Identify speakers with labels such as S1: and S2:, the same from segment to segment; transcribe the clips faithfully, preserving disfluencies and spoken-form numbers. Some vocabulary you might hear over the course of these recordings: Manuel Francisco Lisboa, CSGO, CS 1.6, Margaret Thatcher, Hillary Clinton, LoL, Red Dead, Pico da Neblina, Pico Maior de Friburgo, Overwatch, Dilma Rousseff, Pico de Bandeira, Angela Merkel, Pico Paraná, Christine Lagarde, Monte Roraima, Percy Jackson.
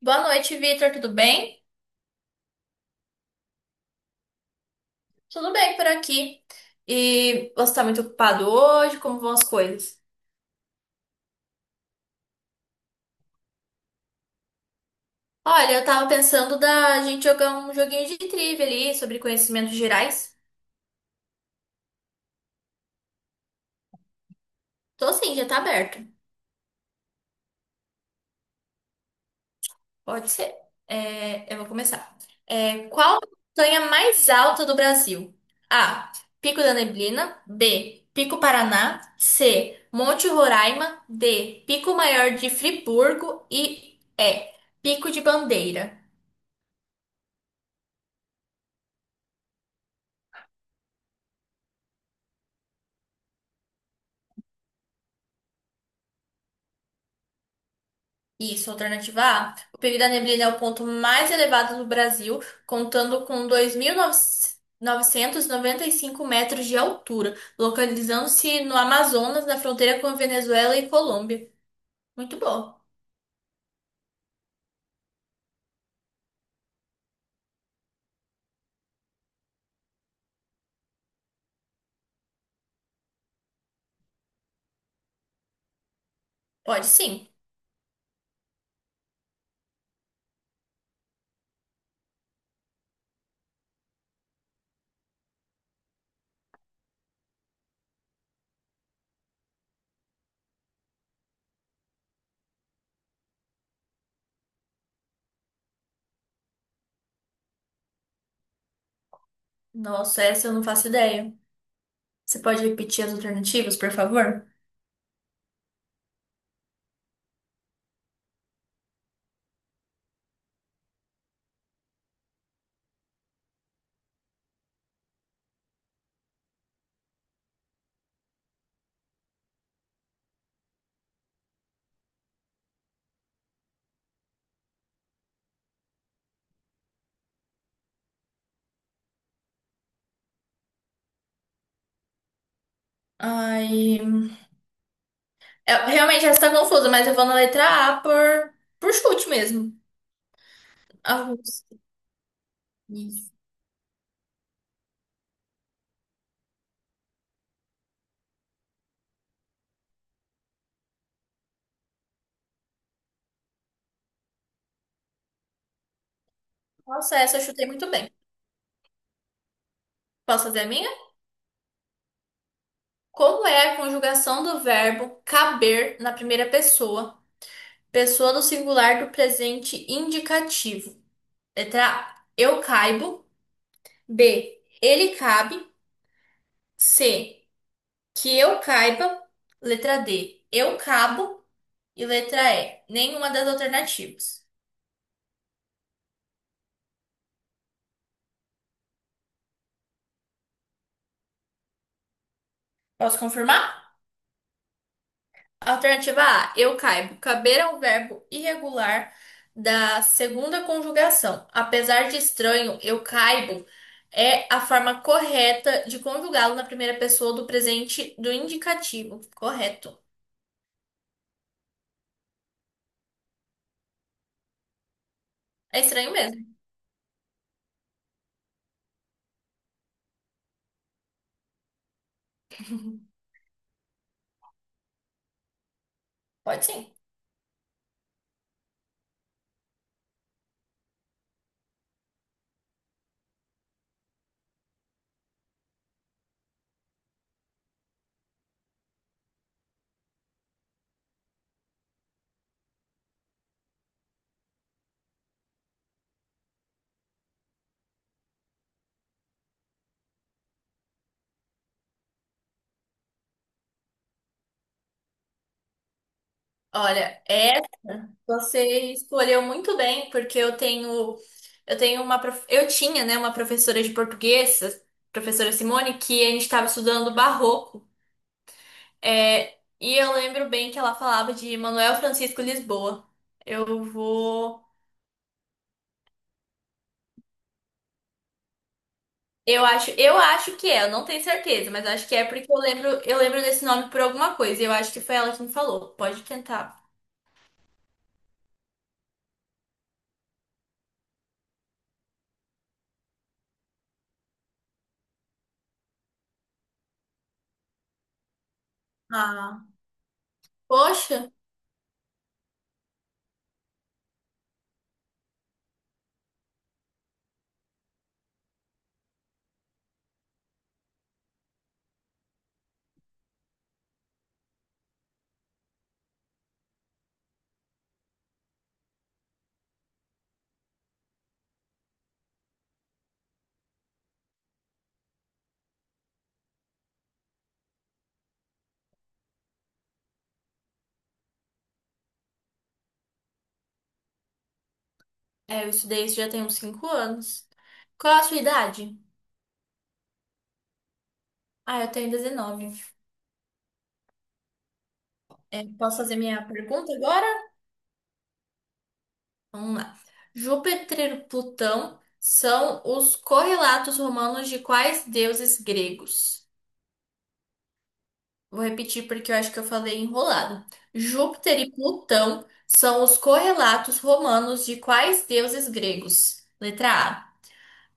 S1: Boa noite, Vitor. Tudo bem? Tudo bem por aqui. E você tá muito ocupado hoje? Como vão as coisas? Olha, eu tava pensando da gente jogar um joguinho de trivia ali sobre conhecimentos gerais. Tô sim, já tá aberto. Pode ser. É, eu vou começar. É, qual a montanha mais alta do Brasil? A. Pico da Neblina. B. Pico Paraná. C. Monte Roraima. D. Pico Maior de Friburgo. E E. Pico de Bandeira. Isso, alternativa A. O período da neblina é o ponto mais elevado do Brasil, contando com dois mil novecentos e noventa e cinco metros de altura, localizando-se no Amazonas, na fronteira com a Venezuela e Colômbia. Muito bom. Pode sim. Nossa, essa eu não faço ideia. Você pode repetir as alternativas, por favor? Ai, é, realmente essa está confusa, mas eu vou na letra A por, por chute mesmo. Arroz. Isso. Nossa, essa eu chutei muito bem. Posso fazer a minha? Como é a conjugação do verbo caber na primeira pessoa, pessoa do singular do presente indicativo? Letra A. Eu caibo. B. Ele cabe. C. Que eu caiba. Letra D. Eu cabo. E letra E. Nenhuma das alternativas. Posso confirmar? Alternativa A, eu caibo. Caber é um verbo irregular da segunda conjugação. Apesar de estranho, eu caibo é a forma correta de conjugá-lo na primeira pessoa do presente do indicativo. Correto. É estranho mesmo. Pode sim. Olha, essa você escolheu muito bem, porque eu tenho eu tenho uma prof- eu tinha, né, uma professora de português, a professora Simone, que a gente estava estudando barroco. É, e eu lembro bem que ela falava de Manuel Francisco Lisboa. Eu vou. Eu acho, eu acho que é, eu não tenho certeza, mas acho que é porque eu lembro, eu lembro desse nome por alguma coisa. E Eu acho que foi ela que me falou. Pode tentar. Ah, poxa, é, eu estudei isso já tem uns cinco anos. Qual a sua idade? Ah, eu tenho dezenove. É, posso fazer minha pergunta agora? Vamos lá. Júpiter e Plutão são os correlatos romanos de quais deuses gregos? Vou repetir porque eu acho que eu falei enrolado. Júpiter e Plutão são os correlatos romanos de quais deuses gregos? Letra A.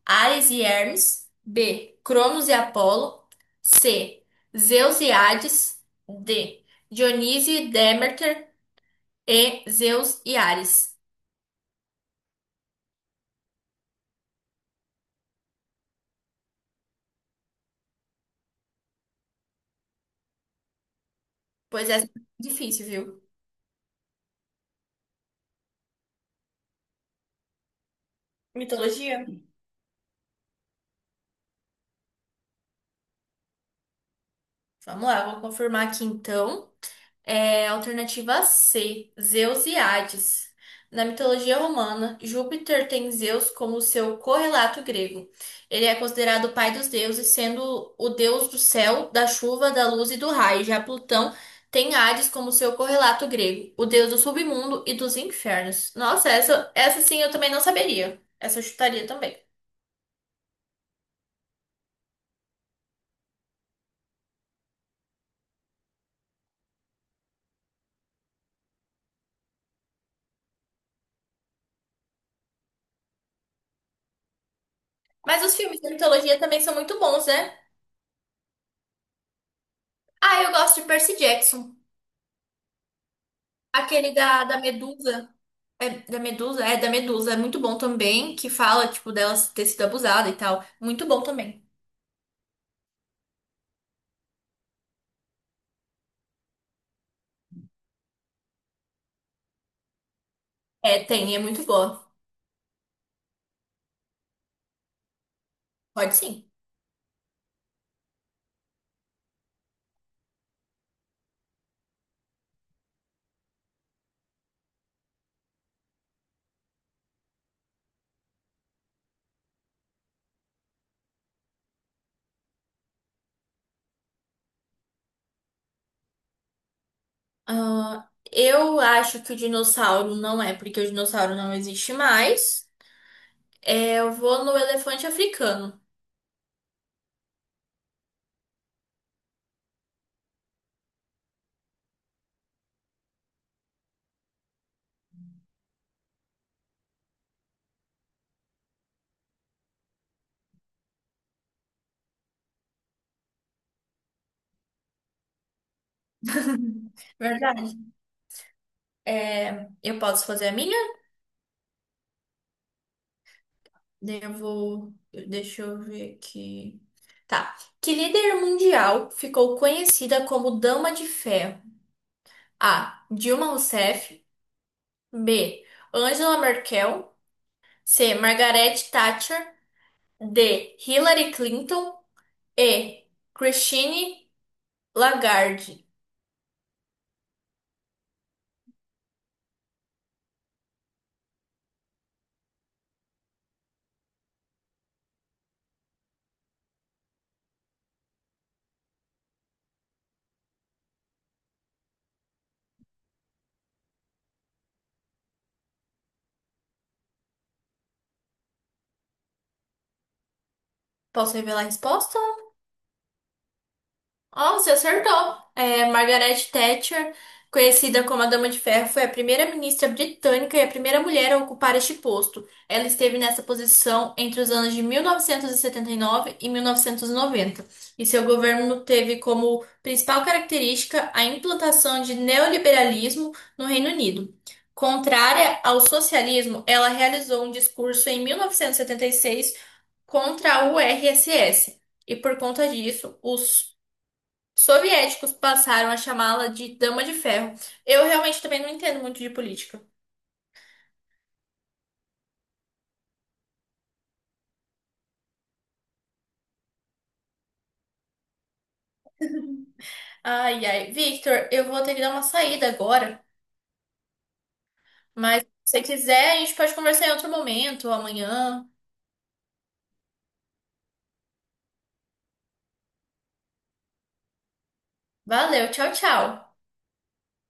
S1: Ares e Hermes. B. Cronos e Apolo. C. Zeus e Hades. D. Dionísio e Deméter. E. Zeus e Ares. Pois é, difícil, viu? Mitologia? Vamos lá, vou confirmar aqui então. É, alternativa C, Zeus e Hades. Na mitologia romana, Júpiter tem Zeus como seu correlato grego. Ele é considerado o pai dos deuses, sendo o deus do céu, da chuva, da luz e do raio. Já Plutão tem Hades como seu correlato grego, o deus do submundo e dos infernos. Nossa, essa, essa sim eu também não saberia. Essa eu chutaria também. Mas os filmes da mitologia também são muito bons, né? Ah, eu gosto de Percy Jackson, aquele da, da Medusa. É, da Medusa? É, da Medusa. É muito bom também, que fala, tipo, dela ter sido abusada e tal. Muito bom também. É, tem, é muito boa. Pode sim. Ah, eu acho que o dinossauro não é, porque o dinossauro não existe mais. É, eu vou no elefante africano. Verdade. É, eu posso fazer a minha? Daí eu vou. Deixa eu ver aqui. Tá. Que líder mundial ficou conhecida como Dama de Ferro? A. Dilma Rousseff. B. Angela Merkel. C. Margaret Thatcher. D. Hillary Clinton. E. Christine Lagarde. Posso revelar a resposta? Ó, você acertou. É, Margaret Thatcher, conhecida como a Dama de Ferro, foi a primeira ministra britânica e a primeira mulher a ocupar este posto. Ela esteve nessa posição entre os anos de mil novecentos e setenta e nove e mil novecentos e noventa, e nove e mil novecentos e noventa, e seu governo teve como principal característica a implantação de neoliberalismo no Reino Unido. Contrária ao socialismo, ela realizou um discurso em mil novecentos e setenta e seis contra o R S S. E por conta disso, os soviéticos passaram a chamá-la de Dama de Ferro. Eu realmente também não entendo muito de política. Ai, ai. Victor, eu vou ter que dar uma saída agora, mas se você quiser, a gente pode conversar em outro momento, amanhã. Valeu, tchau, tchau.